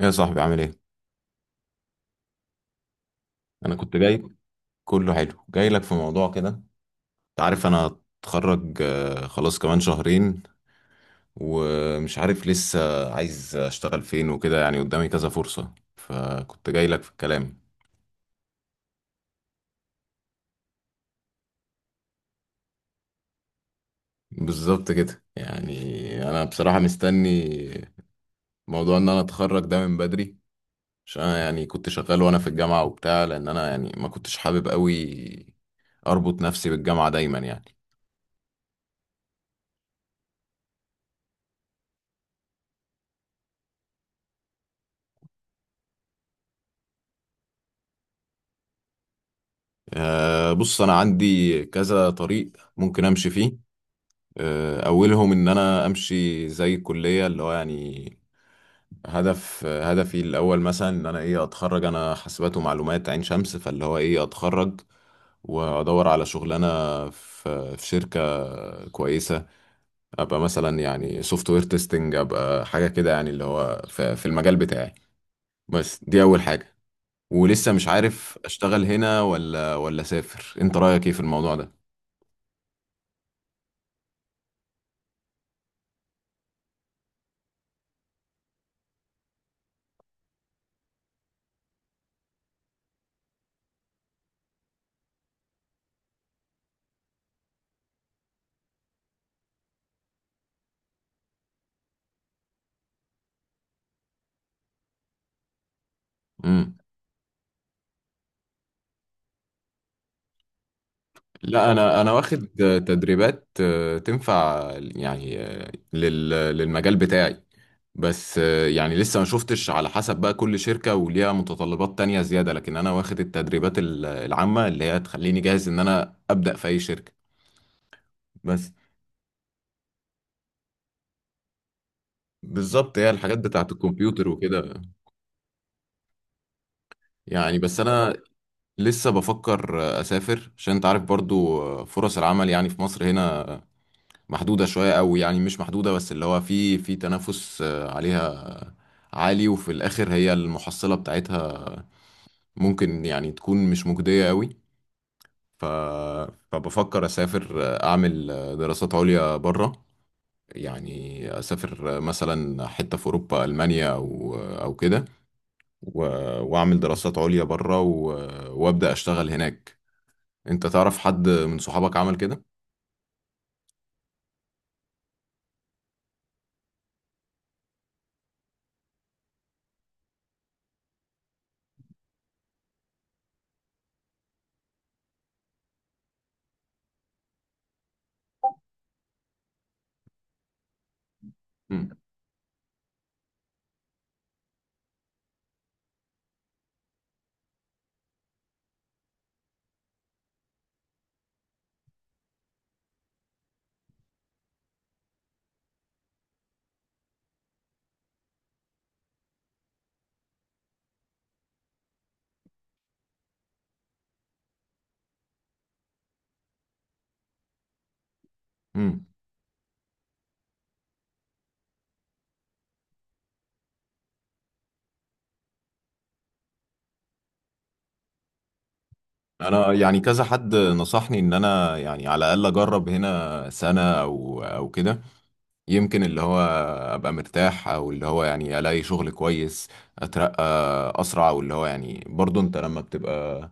يا صاحبي، عامل ايه؟ انا كنت جاي. كله حلو، جاي لك في موضوع كده. انت عارف انا هتخرج، خلاص كمان شهرين، ومش عارف لسه عايز اشتغل فين وكده. يعني قدامي كذا فرصة، فكنت جاي لك في الكلام. بالظبط كده يعني. انا بصراحة مستني موضوع ان انا اتخرج ده من بدري، عشان انا يعني كنت شغال وانا في الجامعة وبتاع، لان انا يعني ما كنتش حابب قوي اربط نفسي بالجامعة دايما يعني. بص، أنا عندي كذا طريق ممكن أمشي فيه. أولهم إن أنا أمشي زي الكلية، اللي هو يعني هدفي الأول مثلا إن أنا إيه أتخرج. أنا حاسبات ومعلومات عين شمس، فاللي هو إيه أتخرج وأدور على شغلانة في شركة كويسة، أبقى مثلا يعني سوفت وير تيستنج، أبقى حاجة كده يعني اللي هو في المجال بتاعي. بس دي أول حاجة. ولسه مش عارف أشتغل هنا ولا أسافر. أنت رأيك إيه في الموضوع ده؟ امم لا، انا واخد تدريبات تنفع يعني للمجال بتاعي. بس يعني لسه ما شفتش، على حسب بقى كل شركة وليها متطلبات تانية زيادة، لكن انا واخد التدريبات العامة اللي هي تخليني جاهز ان انا ابدأ في اي شركة بس. بالظبط، هي الحاجات بتاعت الكمبيوتر وكده يعني. بس انا لسه بفكر اسافر، عشان انت عارف برضو فرص العمل يعني في مصر هنا محدودة شوية أوي. يعني مش محدودة، بس اللي هو في تنافس عليها عالي. وفي الاخر، هي المحصلة بتاعتها ممكن يعني تكون مش مجدية قوي. ف... فبفكر اسافر، اعمل دراسات عليا بره. يعني اسافر مثلا حتة في اوروبا، المانيا او كده، و... واعمل دراسات عليا بره، وابدا اشتغل هناك. انت تعرف حد من صحابك عمل كده؟ مم. مم. انا يعني كذا حد نصحني ان انا يعني على الاقل اجرب هنا سنة او كده، يمكن اللي هو ابقى مرتاح، او اللي هو يعني الاقي شغل كويس، اترقى اسرع، او اللي هو يعني برضو انت لما بتبقى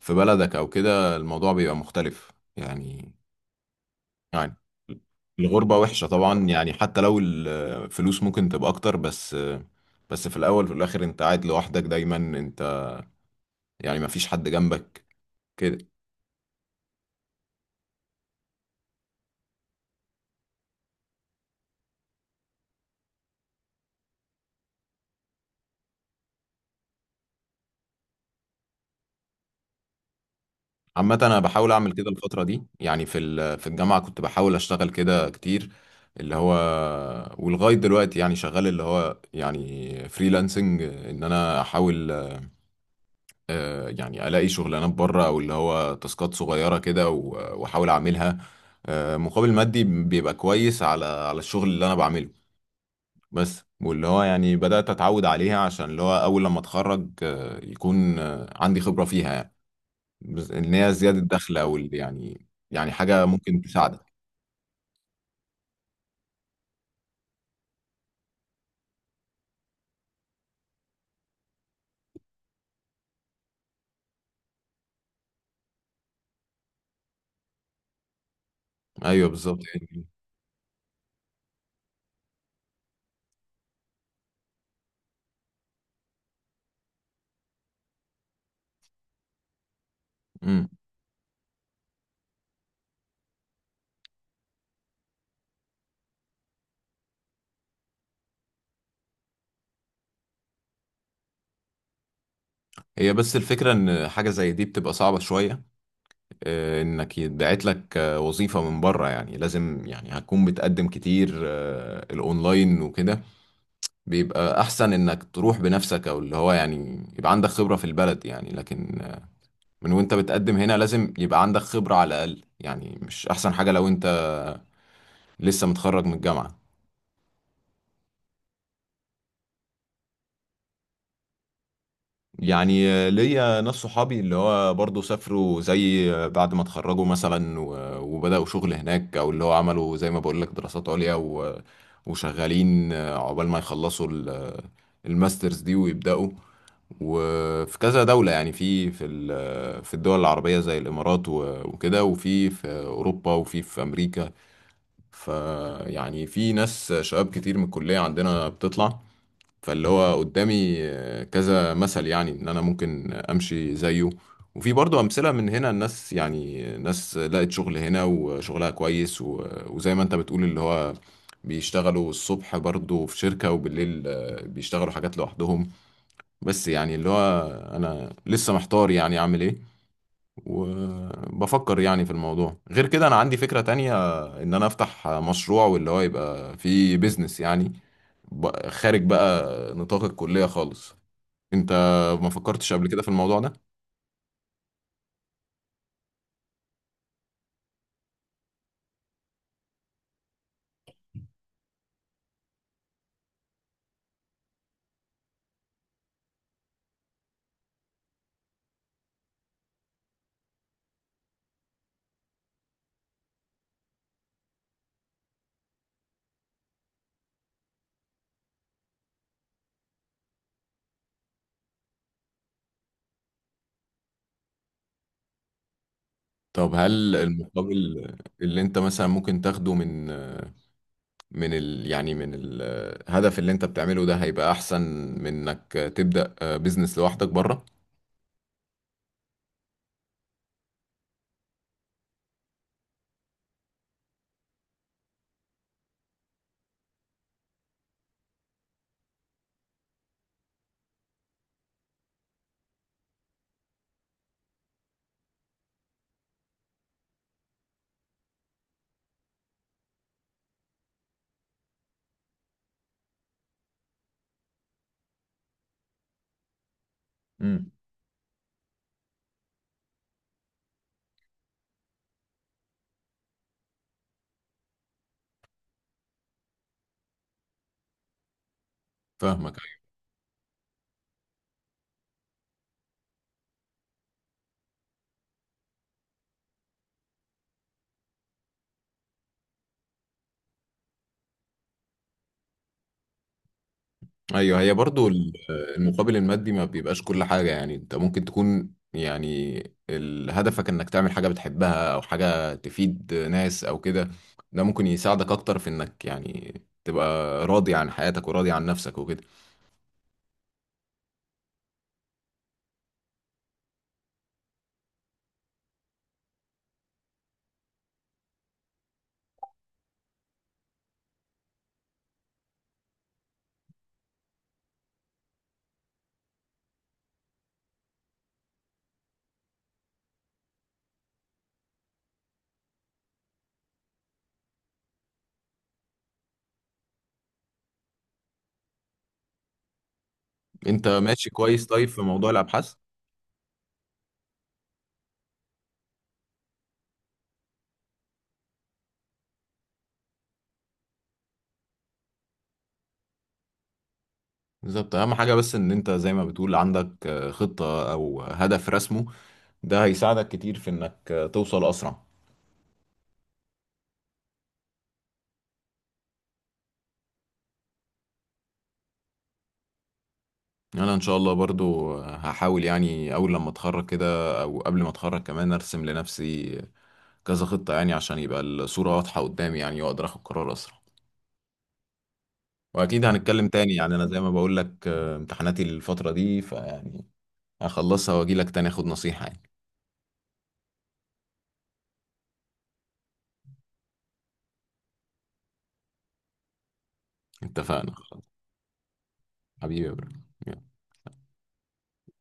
في بلدك او كده الموضوع بيبقى مختلف. يعني يعني الغربة وحشة طبعا. يعني حتى لو الفلوس ممكن تبقى اكتر، بس بس في الاول وفي الاخر انت قاعد لوحدك دايما. انت يعني مفيش حد جنبك كده. عامة أنا بحاول أعمل كده الفترة دي. يعني في الجامعة كنت بحاول أشتغل كده كتير، اللي هو ولغاية دلوقتي يعني شغال، اللي هو يعني فريلانسنج، إن أنا أحاول يعني ألاقي شغلانات بره، أو اللي هو تاسكات صغيرة كده وأحاول أعملها. مقابل مادي بيبقى كويس على الشغل اللي أنا بعمله. بس واللي هو يعني بدأت أتعود عليها، عشان اللي هو أول لما أتخرج يكون عندي خبرة فيها يعني. ان هي زياده دخل، او يعني يعني حاجه ممكن تساعدك. ايوه، بالظبط يعني. امم هي بس الفكره ان حاجه زي دي بتبقى صعبه شويه، انك يتبعت لك وظيفه من بره. يعني لازم، يعني هتكون بتقدم كتير الاونلاين وكده. بيبقى احسن انك تروح بنفسك، او اللي هو يعني يبقى عندك خبره في البلد. يعني لكن من وانت بتقدم هنا لازم يبقى عندك خبره على الاقل. يعني مش احسن حاجه لو انت لسه متخرج من الجامعه. يعني ليا ناس صحابي اللي هو برضه سافروا، زي بعد ما اتخرجوا مثلا، وبدأوا شغل هناك. او اللي هو عملوا زي ما بقول لك دراسات عليا، وشغالين عقبال ما يخلصوا الماسترز دي ويبدأوا. وفي كذا دولة يعني في الدول العربية زي الإمارات، وكده، وفي أوروبا، وفي أمريكا. فيعني في ناس شباب كتير من الكلية عندنا بتطلع. فاللي هو قدامي كذا مثل، يعني ان انا ممكن امشي زيه. وفي برضه امثله من هنا، الناس يعني ناس لقت شغل هنا وشغلها كويس، وزي ما انت بتقول اللي هو بيشتغلوا الصبح برضه في شركه، وبالليل بيشتغلوا حاجات لوحدهم. بس يعني اللي هو انا لسه محتار، يعني اعمل ايه. وبفكر يعني في الموضوع. غير كده، انا عندي فكره تانية، ان انا افتح مشروع واللي هو يبقى فيه بيزنس يعني. خارج بقى نطاق الكلية خالص. انت ما فكرتش قبل كده في الموضوع ده؟ طب هل المقابل اللي انت مثلا ممكن تاخده من من ال يعني من الهدف اللي انت بتعمله ده هيبقى احسن من انك تبدأ بيزنس لوحدك بره؟ امم فاهمك. ايوه، هي برضو المقابل المادي ما بيبقاش كل حاجة. يعني انت ممكن تكون يعني هدفك انك تعمل حاجة بتحبها، او حاجة تفيد ناس او كده. ده ممكن يساعدك اكتر في انك يعني تبقى راضي عن حياتك وراضي عن نفسك وكده. انت ماشي كويس. طيب، في موضوع الابحاث، بالظبط اهم حاجة بس ان انت زي ما بتقول عندك خطة او هدف رسمه، ده هيساعدك كتير في انك توصل اسرع. يعني انا ان شاء الله برضو هحاول، يعني اول لما اتخرج كده او قبل ما اتخرج كمان، ارسم لنفسي كذا خطة يعني، عشان يبقى الصورة واضحة قدامي يعني، واقدر اخد قرار اسرع. واكيد هنتكلم تاني. يعني انا زي ما بقول لك امتحاناتي الفترة دي، فيعني هخلصها واجي لك تاني اخد نصيحة يعني. اتفقنا خلاص. حبيبي يا برو.